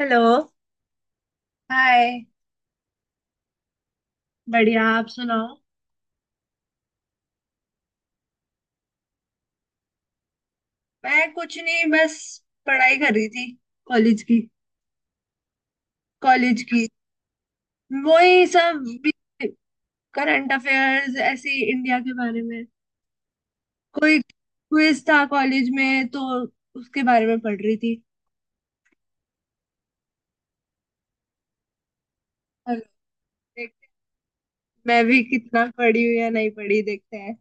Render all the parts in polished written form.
Hello. Hi. बढ़िया आप सुनाओ। मैं कुछ नहीं बस पढ़ाई कर रही थी कॉलेज की। कॉलेज की। वही सब। करंट अफेयर्स ऐसे ही इंडिया के बारे में। कोई क्विज था कॉलेज में तो उसके बारे में पढ़ रही थी। हेलो। देखते हैं, मैं भी कितना पढ़ी हूँ या नहीं पढ़ी देखते हैं।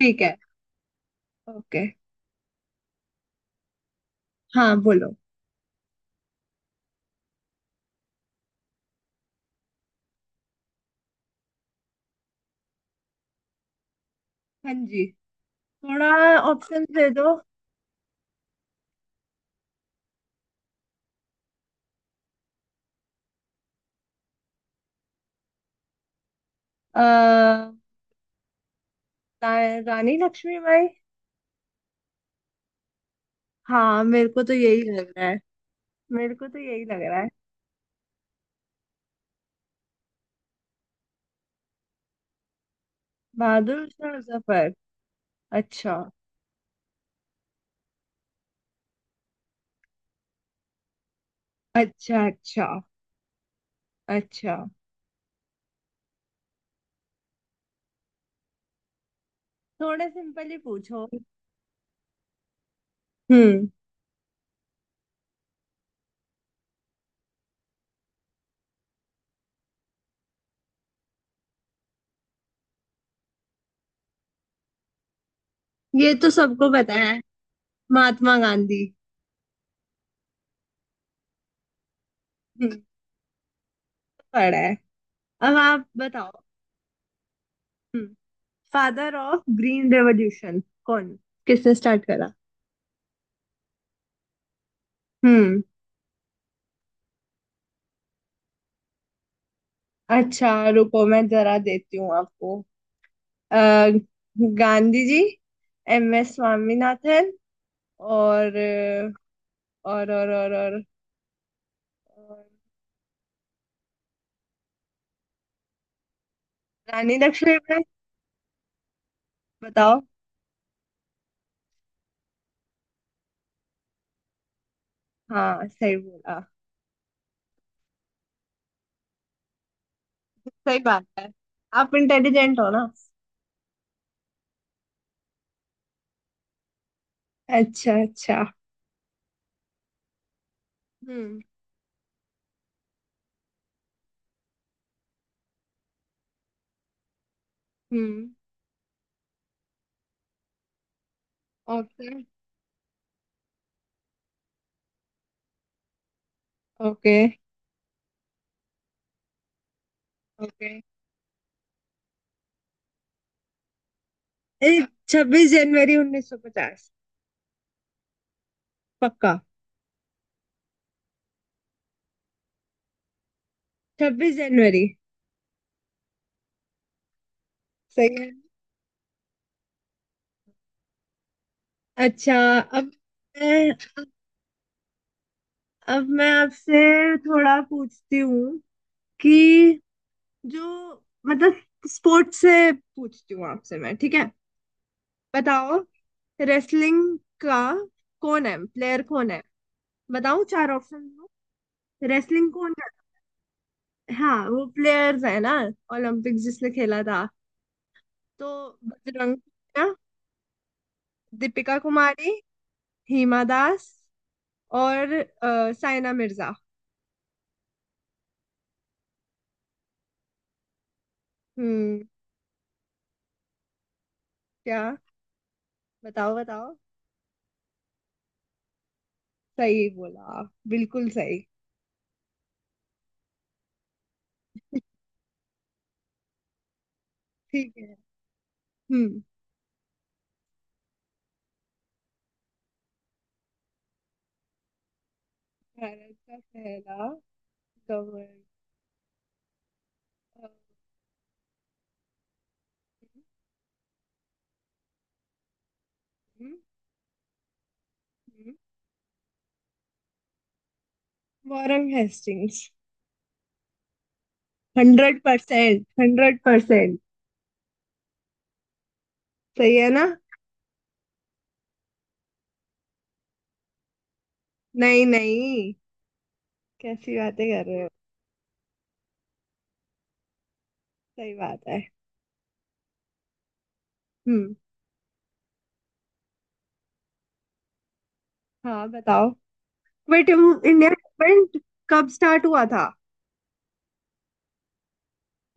ठीक है। ओके। हाँ बोलो। हाँ जी। थोड़ा। ऑप्शन दे दो। अ, रानी लक्ष्मीबाई। हाँ मेरे को तो यही लग रहा है। मेरे को तो यही लग रहा है। बहादुर शाह जफर। अच्छा अच्छा। अच्छा। अच्छा। थोड़ा सिंपल ही पूछो। हम्म। ये तो सबको पता है। महात्मा गांधी। हम्म। पढ़ा है। अब आप बताओ। हम्म। फादर ऑफ ग्रीन रेवोल्यूशन कौन किसने स्टार्ट करा। हम्म। अच्छा। रुको मैं जरा देती हूँ आपको। अ, गांधी जी। एम एस स्वामीनाथन और और और और और, और रानी लक्ष्मीबाई। बताओ। हाँ सही बोला। सही बात है। आप इंटेलिजेंट हो ना। अच्छा अच्छा। हम्म। हम्म। ओके। ओके। ओके। छब्बीस जनवरी उन्नीस सौ पचास। पक्का। छब्बीस जनवरी। सही है। अच्छा। अब मैं अब मैं आपसे थोड़ा पूछती हूँ कि जो मतलब स्पोर्ट्स से पूछती हूँ आपसे मैं। ठीक है। बताओ। रेसलिंग का कौन है प्लेयर कौन है। बताओ चार ऑप्शन दो। रेसलिंग कौन है। हाँ वो प्लेयर्स है ना ओलंपिक्स जिसने खेला था तो। बजरंग पुनिया, दीपिका कुमारी, हिमा दास और साइना मिर्जा। हम्म। क्या। बताओ बताओ। सही बोला, बिल्कुल सही। ठीक है। हम्म। भारत का पहला governor. Warren Hastings. Hundred percent hundred percent. सही है ना। नहीं नहीं, कैसी बातें कर रहे हो। सही बात है। हम्म। हाँ बताओ। वेट इंडिया गवर्नमेंट कब स्टार्ट हुआ था।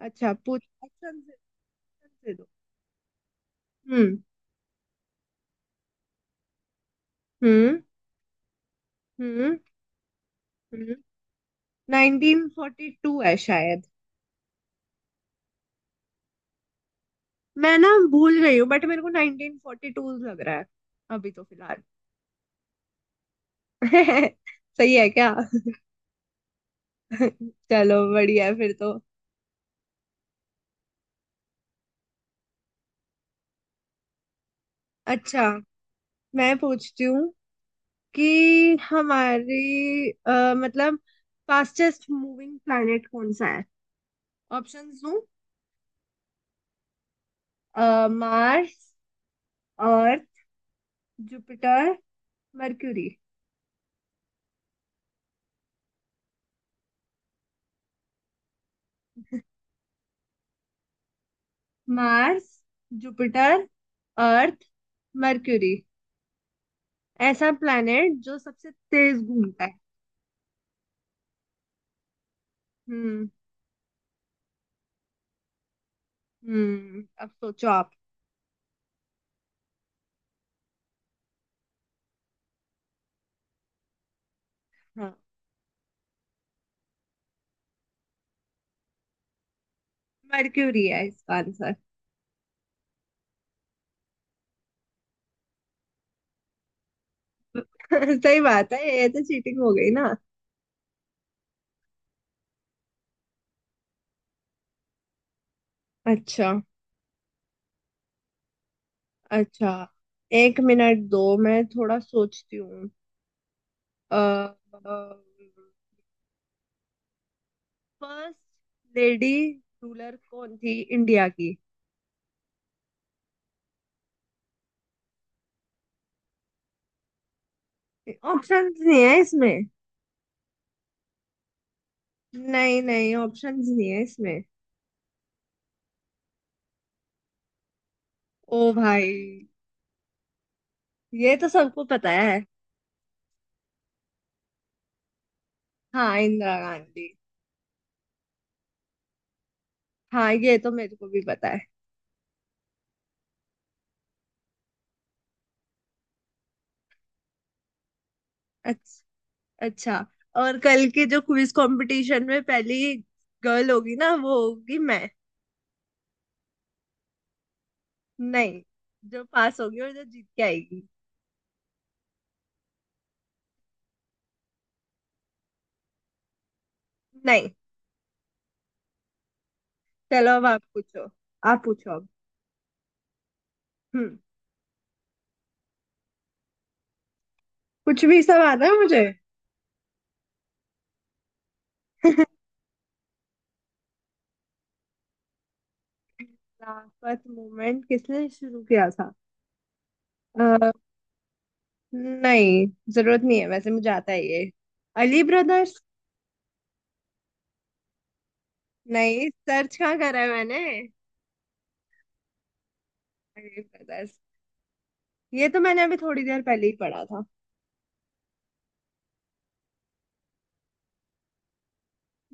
अच्छा पूछ ऑप्शन दे। options दे दो। हम्म। हम्म। हम्म। नाइनटीन फोर्टी टू है शायद। मैं ना भूल गई हूँ बट मेरे को नाइनटीन फोर्टी टू लग रहा है अभी तो फिलहाल। सही है क्या। चलो बढ़िया है फिर तो। अच्छा, मैं पूछती हूँ कि हमारी मतलब फास्टेस्ट मूविंग प्लैनेट कौन सा है। ऑप्शंस दूं। Mars, Earth, Jupiter, Mercury. Mars, Jupiter, Earth, Mercury. ऐसा प्लैनेट जो सबसे तेज घूमता है। हम्म। अब सोचो आप। हाँ। मर्क्यूरी है इसका आंसर। सही बात है। ये तो चीटिंग हो गई ना। अच्छा। अच्छा, एक मिनट दो मैं थोड़ा सोचती हूँ। फर्स्ट लेडी रूलर कौन थी इंडिया की। ऑप्शंस नहीं है इसमें। नहीं नहीं, ऑप्शंस नहीं है इसमें। ओ भाई, ये तो सबको पता है। हाँ, इंदिरा गांधी। हाँ, ये तो मेरे को भी पता है। अच्छा। अच्छा, और कल के जो क्विज कंपटीशन में पहली गर्ल होगी ना वो होगी मैं। नहीं। जो पास होगी और जो जीत के आएगी। नहीं। चलो अब आप पूछो। आप पूछो अब। हम्म। कुछ भी, सब आता है मुझे। लाफत मोमेंट किसने शुरू किया था। अ, नहीं, जरूरत नहीं है वैसे, मुझे आता है ये। अली ब्रदर्स। नहीं, सर्च कहाँ करा है मैंने। अली ब्रदर्स। ये तो मैंने अभी थोड़ी देर पहले ही पढ़ा था।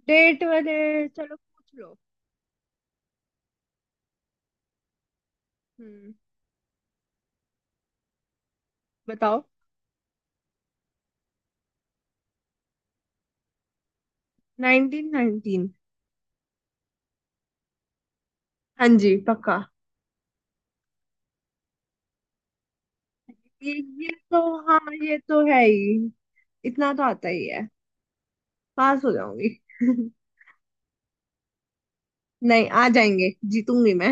डेट वाले। चलो पूछ लो। हम्म। बताओ। 1919। हाँ जी, पक्का। ये ये तो, हाँ ये तो है ही। इतना तो आता ही है। पास हो जाऊंगी। नहीं, आ जाएंगे। जीतूंगी मैं।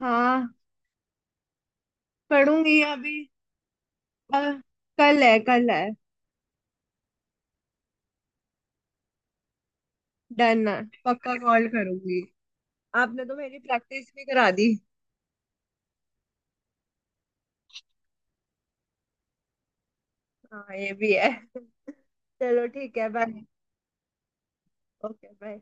हाँ। पढ़ूंगी अभी। अ, कल है, कल है। डन है, पक्का कॉल करूंगी। आपने तो मेरी प्रैक्टिस भी करा दी। हाँ ये भी है। चलो ठीक है, बाय। Okay, bye.